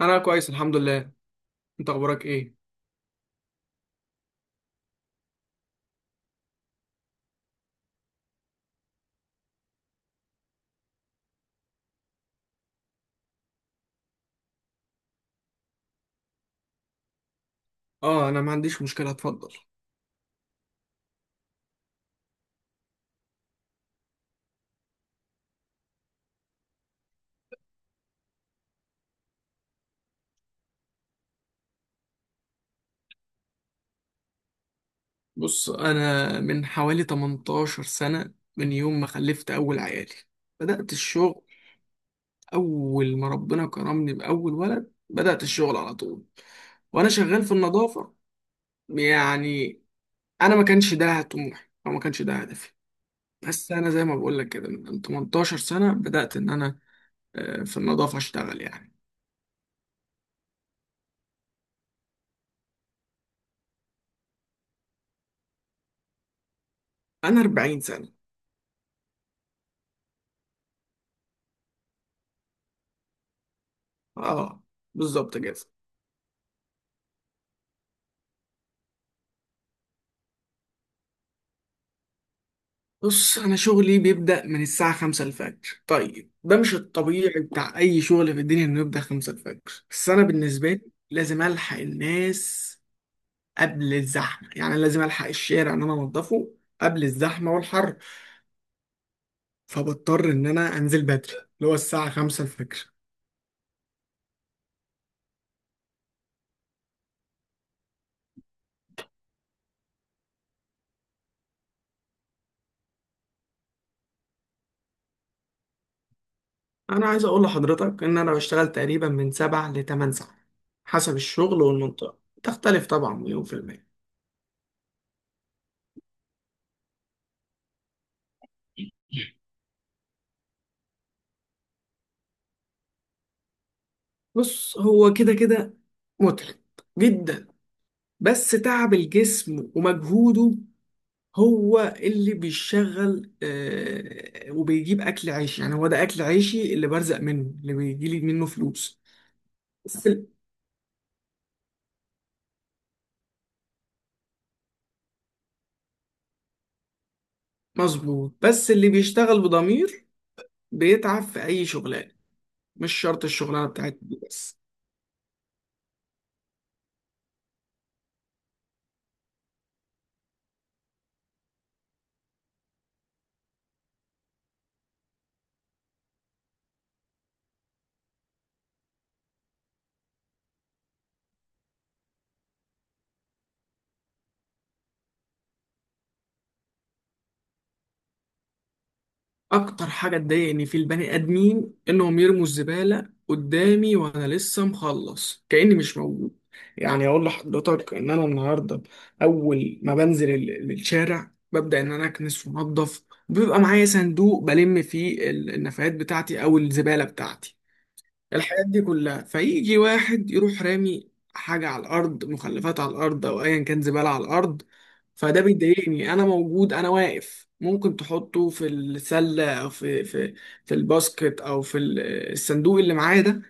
انا كويس الحمد لله. انت اخبارك ايه؟ اه، انا ما عنديش مشكله، اتفضل. بص، انا من حوالي 18 سنه، من يوم ما خلفت اول عيالي بدات الشغل. اول ما ربنا كرمني باول ولد بدات الشغل على طول، وانا شغال في النظافه. يعني انا ما كانش ده طموحي او ما كانش ده هدفي، بس انا زي ما بقول لك كده من 18 سنه بدات ان انا في النظافه اشتغل يعني. انا 40 سنه، اه بالظبط كده. بص، أنا شغلي بيبدأ من الساعة خمسة الفجر. طيب ده مش الطبيعي بتاع أي شغل في الدنيا إنه يبدأ خمسة الفجر، بس أنا بالنسبة لي لازم ألحق الناس قبل الزحمة، يعني لازم ألحق الشارع إن أنا أنضفه قبل الزحمة والحر. فبضطر إن أنا أنزل بدري اللي هو الساعة خمسة الفجر. أنا عايز أقول لحضرتك إن أنا بشتغل تقريبا من سبع لتمن ساعات، حسب الشغل والمنطقة تختلف طبعا مليون في المية. بص، هو كده كده متعب جدا، بس تعب الجسم ومجهوده هو اللي بيشغل، وبيجيب اكل عيشي، يعني هو ده اكل عيشي اللي برزق منه، اللي بيجيلي منه فلوس. بس ال- مظبوط، بس اللي بيشتغل بضمير بيتعب في اي شغلانه، مش شرط الشغلانه بتاعتي دي بس. اكتر حاجه تضايقني في البني ادمين انهم يرموا الزباله قدامي وانا لسه مخلص، كاني مش موجود. يعني اقول لحضرتك ان انا النهارده اول ما بنزل الشارع ببدا ان انا اكنس وانضف، بيبقى معايا صندوق بلم فيه النفايات بتاعتي او الزباله بتاعتي، الحاجات دي كلها. فيجي واحد يروح رامي حاجة على الأرض، مخلفات على الأرض أو أيا كان زبالة على الأرض. فده بيضايقني، أنا موجود أنا واقف، ممكن تحطه في السلة أو في في الباسكت أو في الصندوق اللي معايا ده.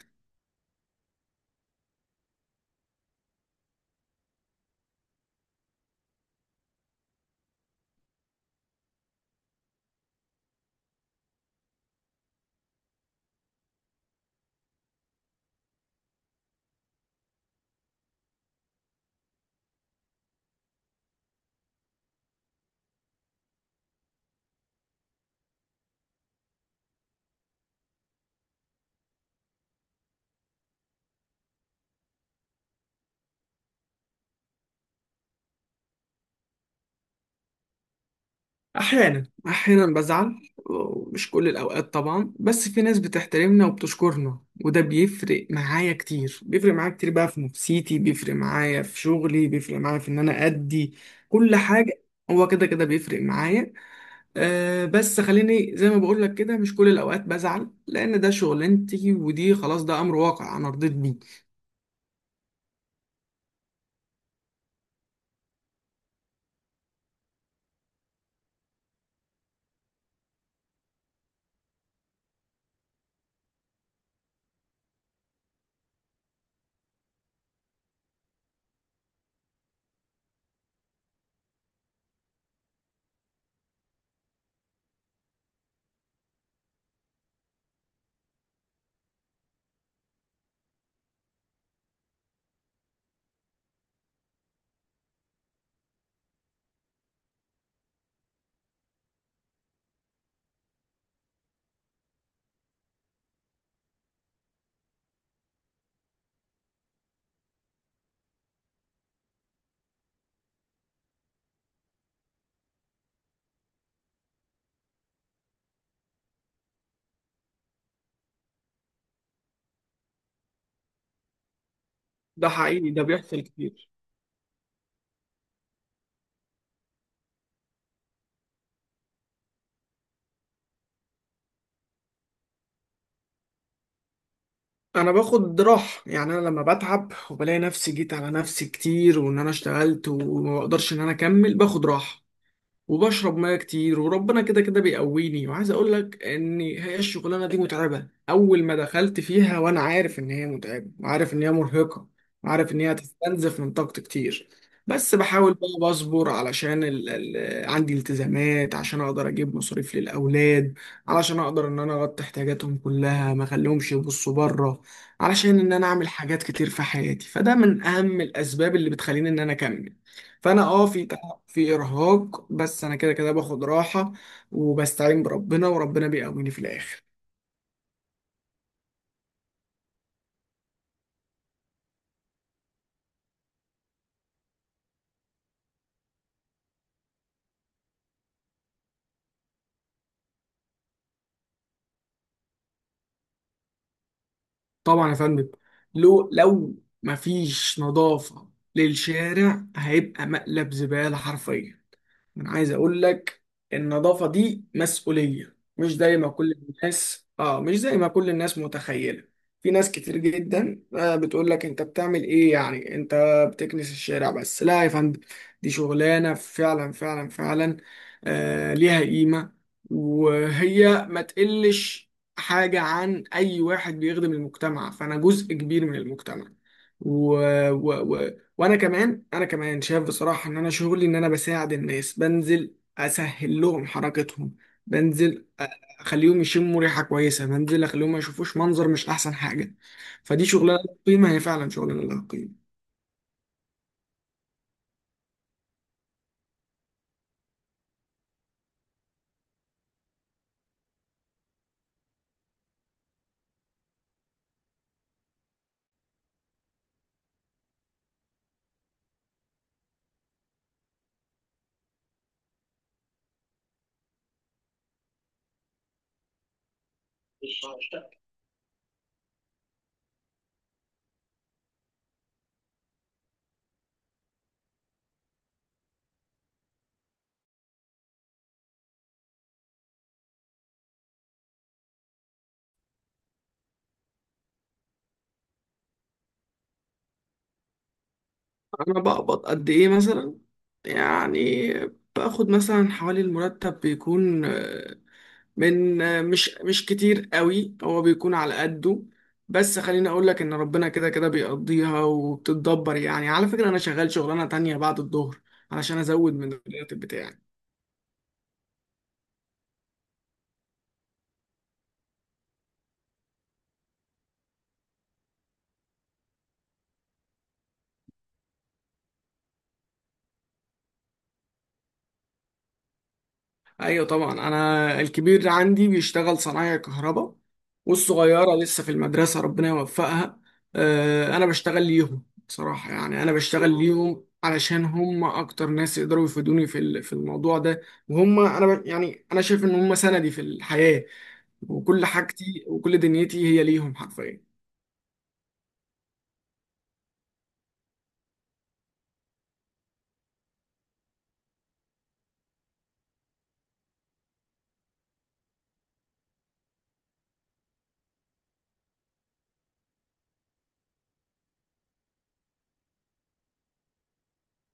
أحيانا بزعل ومش كل الأوقات طبعا، بس في ناس بتحترمنا وبتشكرنا، وده بيفرق معايا كتير، بيفرق معايا كتير بقى في نفسيتي، بيفرق معايا في شغلي، بيفرق معايا في إن أنا أدي كل حاجة. هو كده كده بيفرق معايا. أه، بس خليني زي ما بقول لك كده، مش كل الأوقات بزعل، لأن ده شغلانتي، ودي خلاص ده أمر واقع أنا رضيت بيه. ده حقيقي، ده بيحصل كتير. انا باخد راحه، يعني انا لما بتعب وبلاقي نفسي جيت على نفسي كتير وان انا اشتغلت وما بقدرش ان انا اكمل، باخد راحه وبشرب ميه كتير، وربنا كده كده بيقويني. وعايز اقول لك ان هي الشغلانه دي متعبه، اول ما دخلت فيها وانا عارف ان هي متعبه وعارف ان هي مرهقه وعارف ان هي هتستنزف من طاقتي كتير، بس بحاول بقى بصبر علشان عندي التزامات، عشان اقدر اجيب مصاريف للاولاد، علشان اقدر ان انا اغطي احتياجاتهم كلها ما اخليهمش يبصوا بره، علشان ان انا اعمل حاجات كتير في حياتي. فده من اهم الاسباب اللي بتخليني ان انا اكمل. فانا اه في في إرهاق، بس أنا كده كده باخد راحة وبستعين بربنا، وربنا بيقويني في الآخر. طبعا يا فندم، لو مفيش نظافة للشارع هيبقى مقلب زبالة حرفيا. انا عايز اقول لك النظافة دي مسؤولية، مش زي ما كل الناس اه مش زي ما كل الناس متخيلة. في ناس كتير جدا بتقول لك انت بتعمل ايه يعني، انت بتكنس الشارع بس. لا يا فندم، دي شغلانة فعلا فعلا فعلا ليها قيمة، وهي ما تقلش حاجة عن اي واحد بيخدم المجتمع، فانا جزء كبير من المجتمع. وانا كمان شايف بصراحه ان انا شغلي ان انا بساعد الناس، بنزل اسهل لهم حركتهم، بنزل أ- اخليهم يشموا ريحه كويسه، بنزل اخليهم ما يشوفوش منظر مش احسن حاجه. فدي شغلانه لها قيمه، هي فعلا شغلانه لها قيمه. انا بقبض قد ايه مثلا يعني؟ باخد مثلا حوالي المرتب بيكون من مش كتير قوي، هو بيكون على قده. بس خليني اقول لك ان ربنا كده كده بيقضيها وبتتدبر. يعني على فكرة انا شغال شغلانة تانية بعد الظهر علشان ازود من الراتب بتاعي. ايوه طبعا، انا الكبير عندي بيشتغل صنايع كهرباء، والصغيره لسه في المدرسه ربنا يوفقها. انا بشتغل ليهم بصراحه، يعني انا بشتغل ليهم علشان هم اكتر ناس يقدروا يفيدوني في في الموضوع ده، وهم يعني انا شايف ان هم سندي في الحياه، وكل حاجتي وكل دنيتي هي ليهم حرفيا.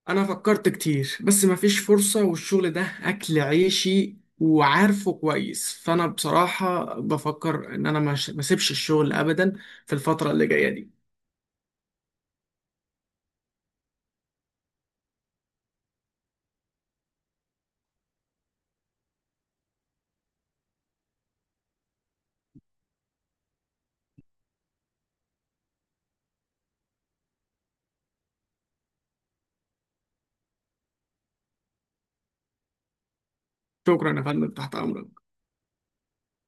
انا فكرت كتير بس مفيش فرصة، والشغل ده اكل عيشي وعارفه كويس، فانا بصراحة بفكر ان انا مش ما اسيبش الشغل ابدا في الفترة اللي جاية دي. شكرا يا فندم، تحت امرك.